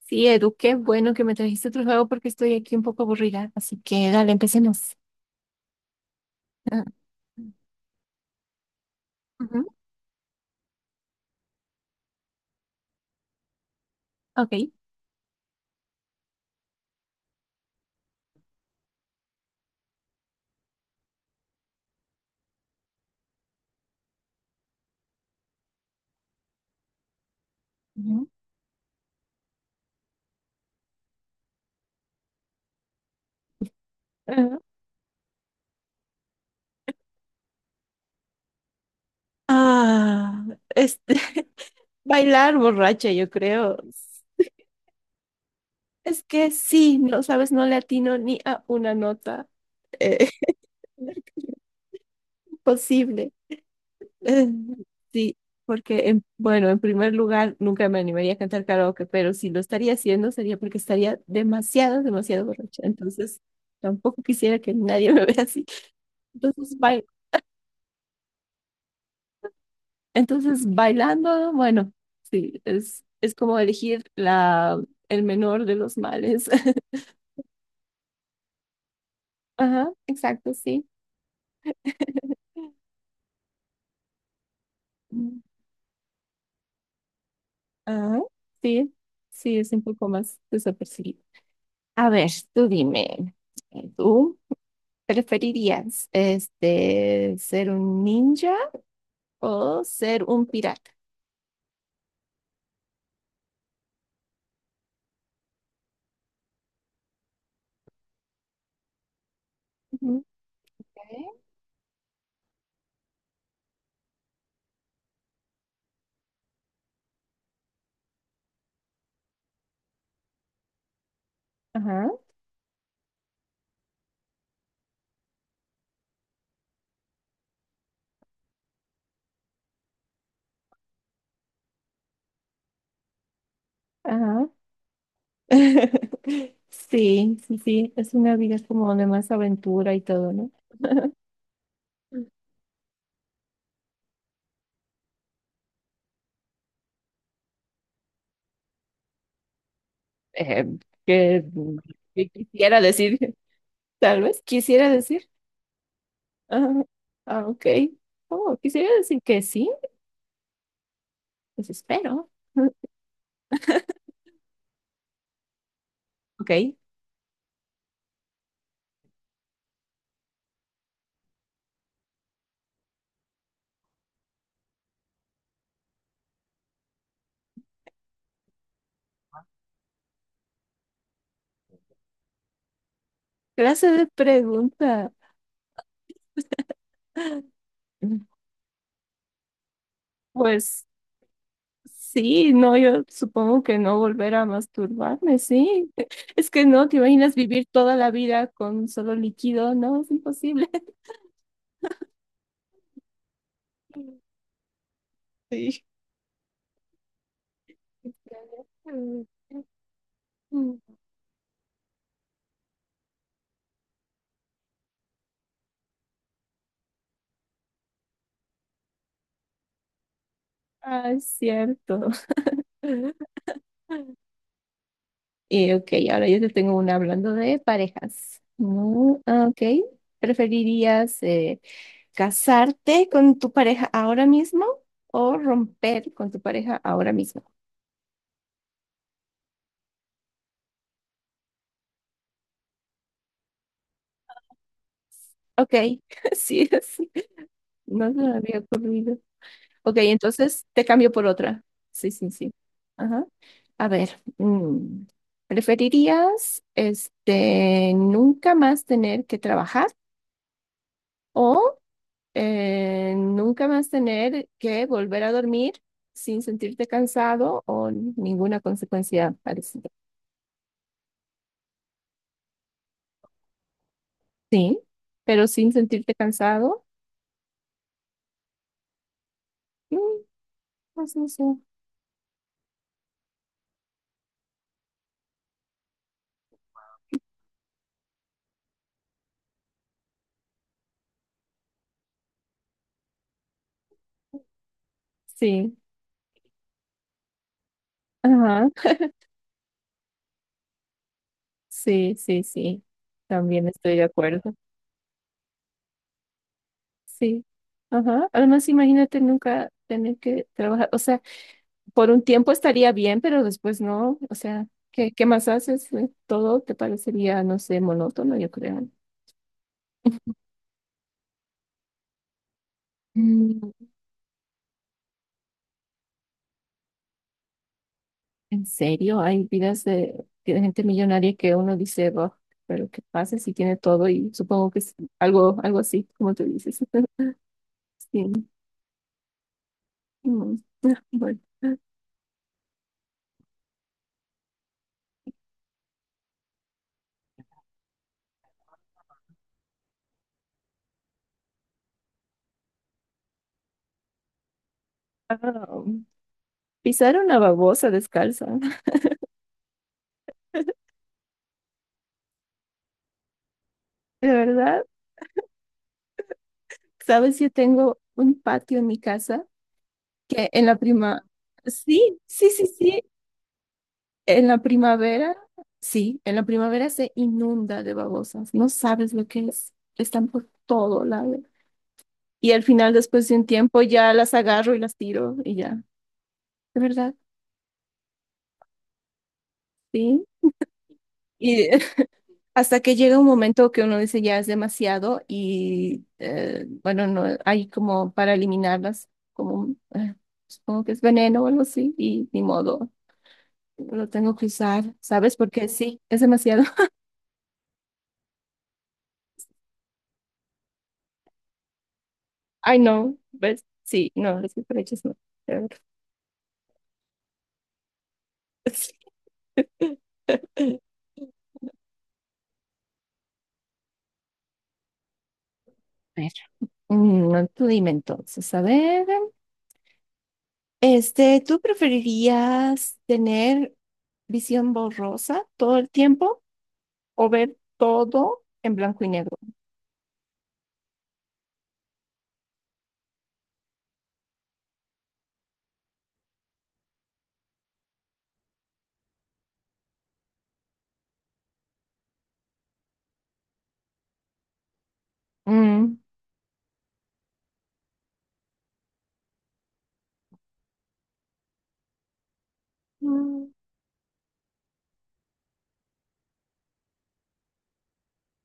Sí, Edu, qué bueno que me trajiste otro juego porque estoy aquí un poco aburrida. Así que dale, empecemos. Ah, ujú, ok. Ujú. Ah, ah, este, bailar borracha, yo creo. Es que sí, no sabes, no le atino ni a una nota. Eh, posible. Eh, sí, porque, bueno, en primer lugar, nunca me animaría a cantar karaoke, pero si lo estaría haciendo sería porque estaría demasiado borracha. Entonces, tampoco quisiera que nadie me vea así. Entonces, bai- entonces bailando, bueno, sí, es como elegir el menor de los males. Ajá, exacto, sí. Mm. Ajá, sí, sí, es un poco más desapercibido. A ver, tú dime, ¿tú preferirías ser un ninja o ser un pirata? Ujú. Ok, ajá, ajá. Sí, sí, sí, es una vida como de más aventura y todo, ¿no? eh, que, que quisiera decir, tal vez quisiera decir, ah, ah, ok, oh, quisiera decir que sí, pues espero, ok, clase de pregunta, pues sí, no, yo supongo que no volver a masturbarme, sí, es que no, te imaginas vivir toda la vida con solo líquido, no, es imposible. Sí. Ah, es cierto. Ok, ahora yo te tengo una hablando de parejas. No, ah, ok. ¿Preferirías casarte con tu pareja ahora mismo o romper con tu pareja ahora mismo? Ok, sí, sí. No se me había ocurrido. Ok, entonces te cambio por otra. Sí, sí, sí. Ajá. A ver, mm, ¿preferirías nunca más tener que trabajar? O nunca más tener que volver a dormir sin sentirte cansado o ninguna consecuencia parecida. Sí, pero sin sentirte cansado, mm, pues no sé. Sí, ajá, sí, sí, sí, también estoy de acuerdo. Sí, ajá. Además, imagínate nunca tener que trabajar, o sea, por un tiempo estaría bien, pero después no, o sea, ¿qué más haces? Todo te parecería, no sé, monótono, yo creo. En serio, hay vidas de gente millonaria que uno dice, "Buah, pero qué pasa si tiene todo y supongo que es algo así, como tú dices." Sí. Mm. Bueno. Ah, pisar una babosa descalza. De verdad, sabes, yo tengo un patio en mi casa que sí, sí, sí, sí, en la primavera, sí, en la primavera se inunda de babosas. No sabes lo que es. Están por todo lado. Y al final, después de un tiempo, ya las agarro y las tiro y ya. ¿De verdad? Sí. Y hasta que llega un momento que uno dice ya es demasiado y bueno, no hay como para eliminarlas, como supongo que es veneno o algo así y ni modo, lo tengo que usar, ¿sabes? Porque sí, es demasiado. Ay, no, ¿ves? Sí, no, las cucarachas no. Sí. A ver, mm, no, tú dime entonces, a ver. ¿Tú preferirías tener visión borrosa todo el tiempo o ver todo en blanco y negro? Mm. Mm,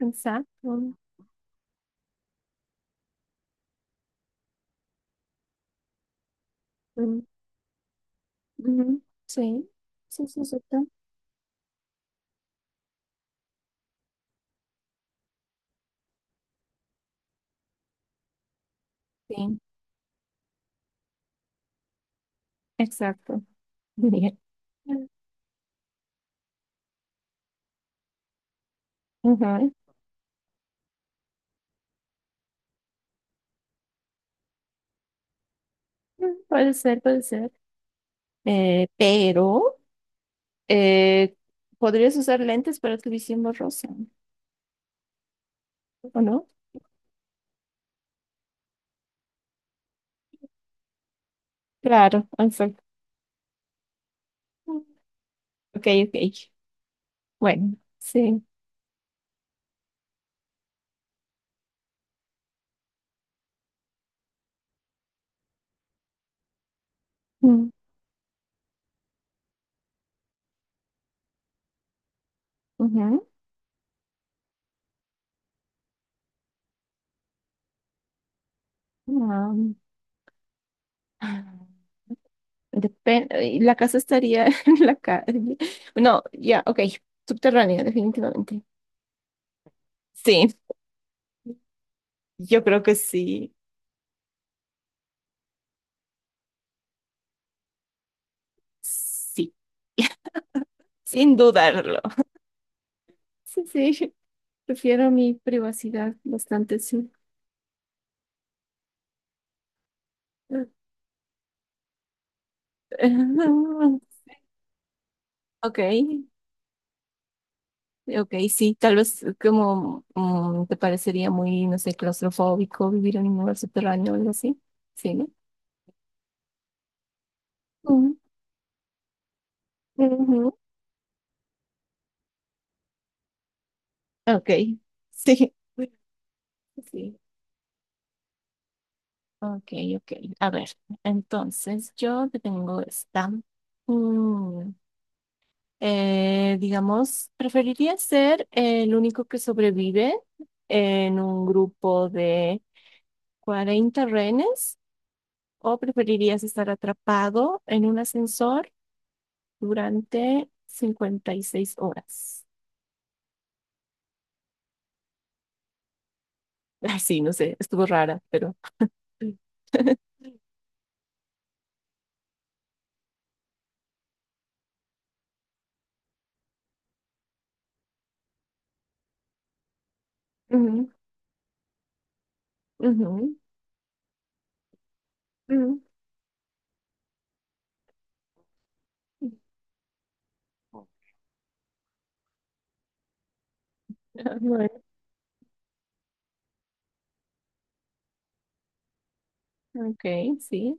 exacto. Mm, ujú. Sí, sí, sí, exacto. Sí, exacto. Bien. Ujú. Mm, puede ser, puede ser. Pero eh, podrías usar lentes para tu visión borrosa, ¿o no? Claro, exacto. Mm. Ok, ok. Bueno, sí. Mm, ujú. Ah, y la casa estaría en la calle. No, ya, ok. Subterránea, definitivamente. Sí, yo creo que sí. Sí, sin dudarlo. Sí, sí, prefiero mi privacidad bastante, sí. Ok, ok, sí, tal vez como mm, te parecería muy, no sé, claustrofóbico vivir en un lugar subterráneo o algo así. Sí, ¿no? Ujú, ujú. Ok, sí. Sí. Ok, ok. A ver, entonces yo te tengo esta. Mm, digamos, preferiría ser el único que sobrevive en un grupo de 40 rehenes o preferirías estar atrapado en un ascensor durante 56 horas. Ay, sí, no sé, estuvo rara, pero... Ujú, ujú, ujú. Ah, bueno, ok, sí.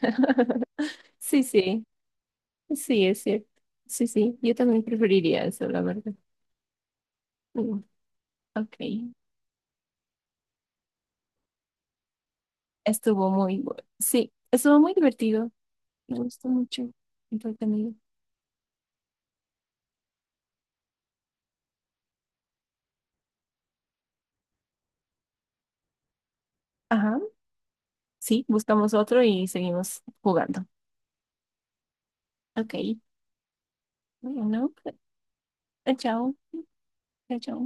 Sí, sí, sí, es cierto. Sí, sí, yo también preferiría eso, la verdad. Mm, ok, estuvo muy bueno. Sí, estuvo muy divertido. Me gustó mucho. Entretenido. Ajá, sí, buscamos otro y seguimos jugando. Ok, bueno, chao, chao, chao.